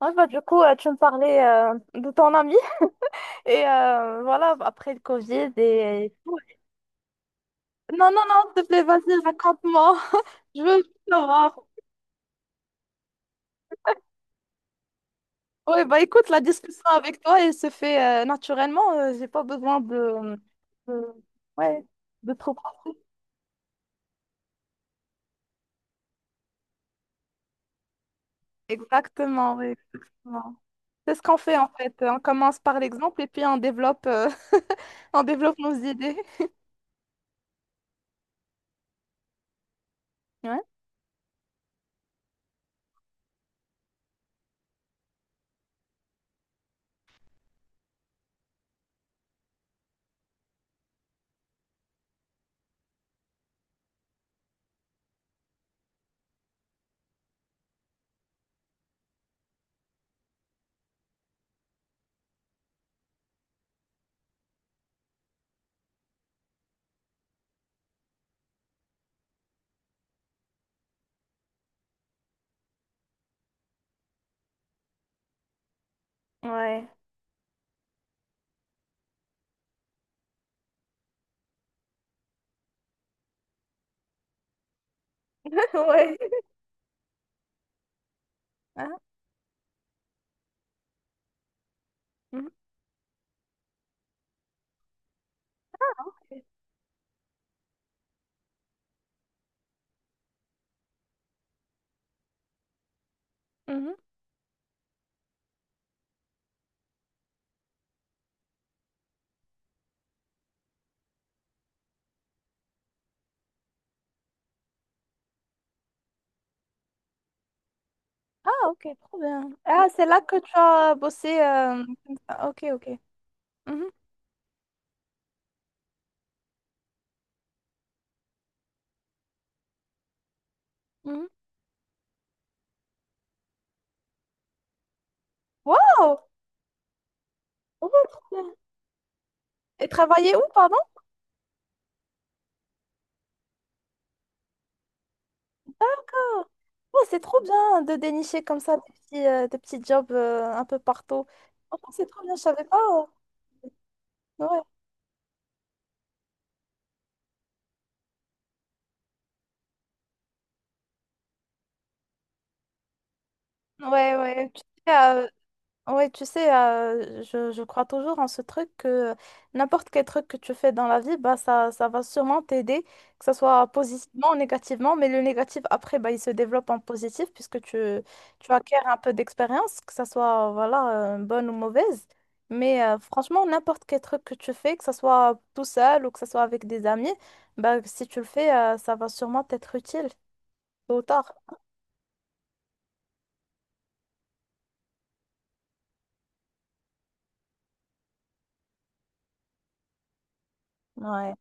Ouais, bah, du coup, tu me parlais de ton ami et voilà, après le Covid et tout. Non, non, non, s'il te plaît, vas-y, raconte-moi. Je veux tout savoir. Oui, bah écoute, la discussion avec toi, elle se fait naturellement. J'ai pas besoin de... Ouais, de trop. Exactement, oui, exactement. C'est ce qu'on fait en fait. On commence par l'exemple et puis on développe, on développe nos idées. Ouais. Ouais. Ouais. Hein? Mhm. Mhm. Ah, ok, trop bien. Ah, c'est là que tu as bossé, comme ça. Ok, ok. Mhm, mhm. Waouh! Oh, trop bien. Et travailler où, pardon? Oh, c'est trop bien de dénicher comme ça des petits, des petits jobs un peu partout. Franchement, c'est trop bien, je savais pas. Ouais, ouais, ouais. Sais, euh, Oui, tu sais, je crois toujours en ce truc que n'importe quel truc que tu fais dans la vie, bah, ça va sûrement t'aider, que ce soit positivement ou négativement, mais le négatif, après, bah, il se développe en positif puisque tu acquiers un peu d'expérience, que ce soit voilà, bonne ou mauvaise. Mais franchement, n'importe quel truc que tu fais, que ce soit tout seul ou que ce soit avec des amis, bah, si tu le fais, ça va sûrement t'être utile, tôt ou tard. Ouais.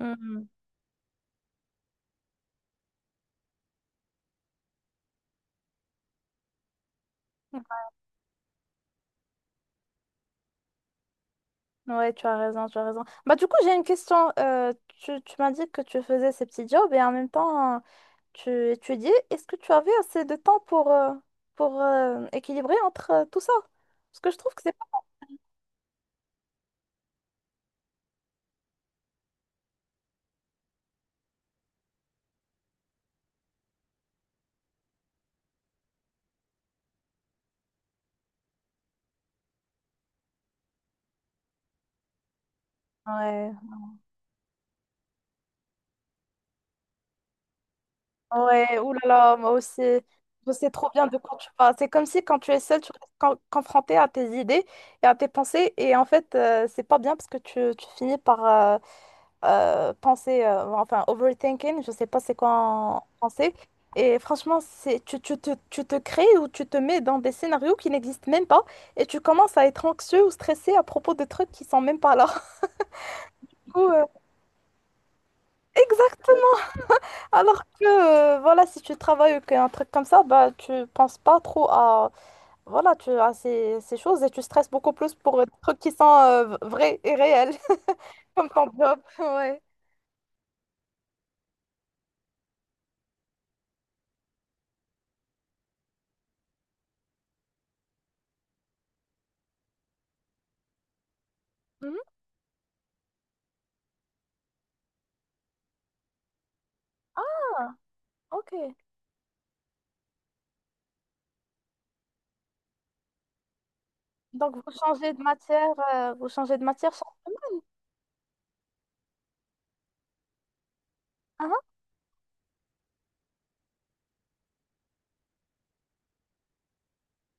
Mhm. Ouais, tu as raison, tu as raison. Bah, du coup, j'ai une question. Tu m'as dit que tu faisais ces petits jobs et en même temps, tu étudiais. Est-ce que tu avais assez de temps pour, équilibrer entre tout ça? Parce que je trouve que c'est pas... Ouais, ouais, oulala, moi aussi. Je sais trop bien de quoi tu parles. C'est comme si quand tu es seule, tu restes confrontée à tes idées et à tes pensées. Et en fait, c'est pas bien parce que tu finis par, enfin overthinking, je sais pas c'est quoi en français. Et franchement, c'est tu te crées ou tu te mets dans des scénarios qui n'existent même pas et tu commences à être anxieux ou stressé à propos de trucs qui sont même pas là. Du coup, exactement. Alors que voilà, si tu travailles ou qu'un truc comme ça, bah tu penses pas trop à voilà, tu à ces choses et tu stresses beaucoup plus pour des trucs qui sont vrais et réels comme ton job. Ouais. Mhm. Ah, ok. Donc, vous changez de matière chaque semaine. Hein?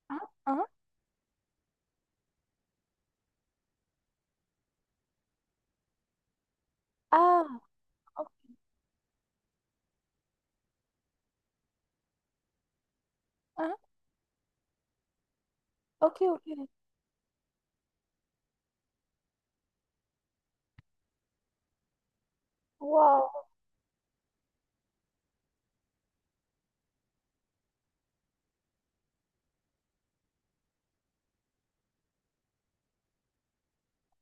Hein? Hein? Ah, o- hein? Ok, ok. Wow.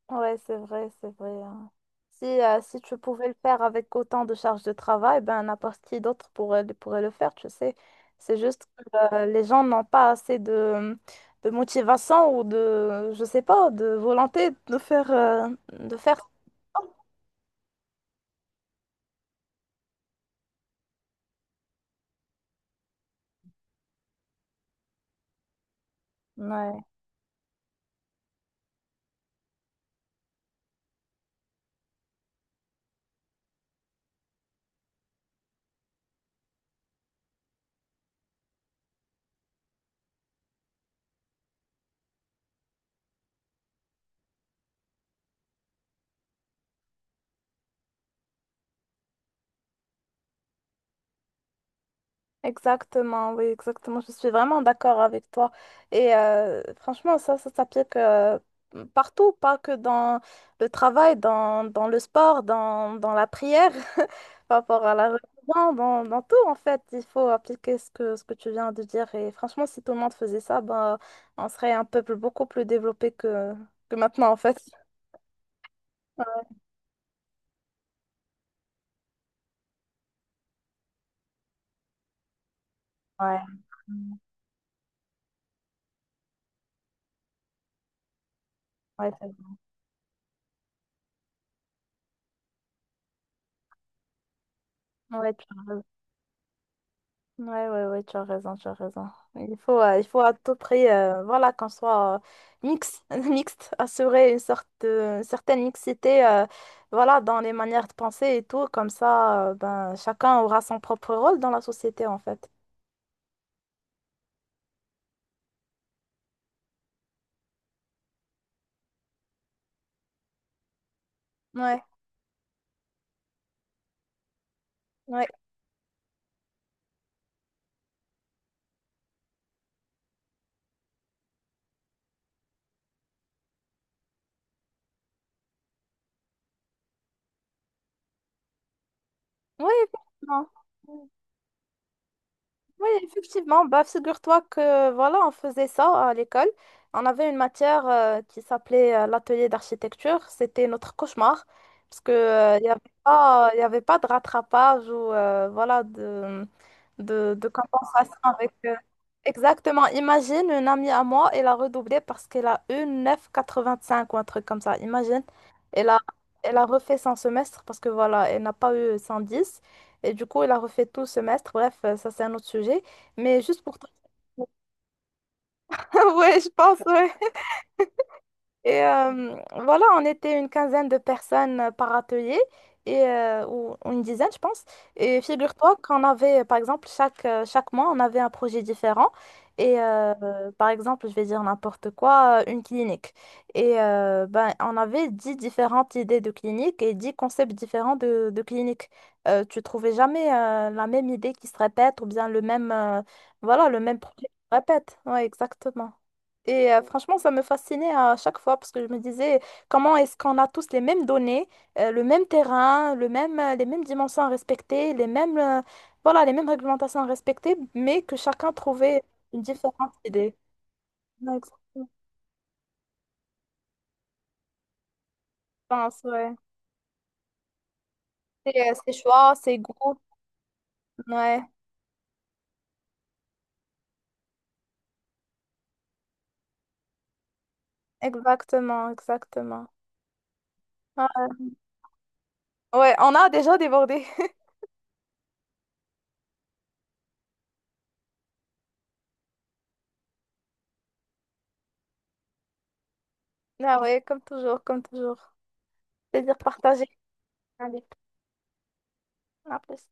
Ouais, c'est vrai, c'est vrai. Hein. Si tu pouvais le faire avec autant de charges de travail, ben n'importe qui d'autre pourrait, pourrait le faire, tu sais. C'est juste que les gens n'ont pas assez de, motivation ou de, je sais pas, de volonté de faire. Ouais. Exactement, oui, exactement. Je suis vraiment d'accord avec toi. Et franchement, ça s'applique partout, pas que dans le travail, dans le sport, dans la prière, par rapport à la religion, dans tout, en fait. Il faut appliquer ce que tu viens de dire. Et franchement, si tout le monde faisait ça, ben, on serait un peuple beaucoup plus développé que, maintenant, en fait. Ouais, ouais, ouais, tu as raison. Ouais, ouais, ouais, tu as raison, tu as raison. Il faut à tout prix, voilà, qu'on soit mix mixte, assurer une sorte une certaine mixité, voilà, dans les manières de penser et tout, comme ça, ben, chacun aura son propre rôle dans la société, en fait. Ouais, ouais, ouais, effectivement. Oui, effectivement, bah, figure-toi que voilà, on faisait ça à l'école. On avait une matière qui s'appelait l'atelier d'architecture. C'était notre cauchemar parce que il y avait pas de rattrapage ou voilà de, compensation avec. Exactement. Imagine une amie à moi, elle a redoublé parce qu'elle a eu 9,85 ou un truc comme ça. Imagine, elle a, elle a refait son semestre parce que voilà, elle n'a pas eu 110. Et du coup, il a refait tout le semestre. Bref, ça, c'est un autre sujet. Mais juste pour toi. Ouais, je pense, ouais. Et voilà, on était une quinzaine de personnes par atelier, ou une dizaine, je pense. Et figure-toi qu'on avait, par exemple, chaque mois, on avait un projet différent. Et par exemple, je vais dire n'importe quoi, une clinique. Et ben, on avait 10 différentes idées de clinique et 10 concepts différents de, clinique. Tu trouvais jamais la même idée qui se répète ou bien voilà, le même projet qui se répète. Ouais, exactement. Et franchement, ça me fascinait à chaque fois parce que je me disais, comment est-ce qu'on a tous les mêmes données, le même terrain, les mêmes dimensions à respecter, voilà, les mêmes réglementations à respecter, mais que chacun trouvait une différente idée. Ouais, exactement. Je pense, ouais. C'est ses choix, ses goûts. Ouais, exactement, exactement. Ah, ouais, ouais, on a déjà débordé. Ah ouais, comme toujours, comme toujours. Plaisir partagé. Allez, à plus.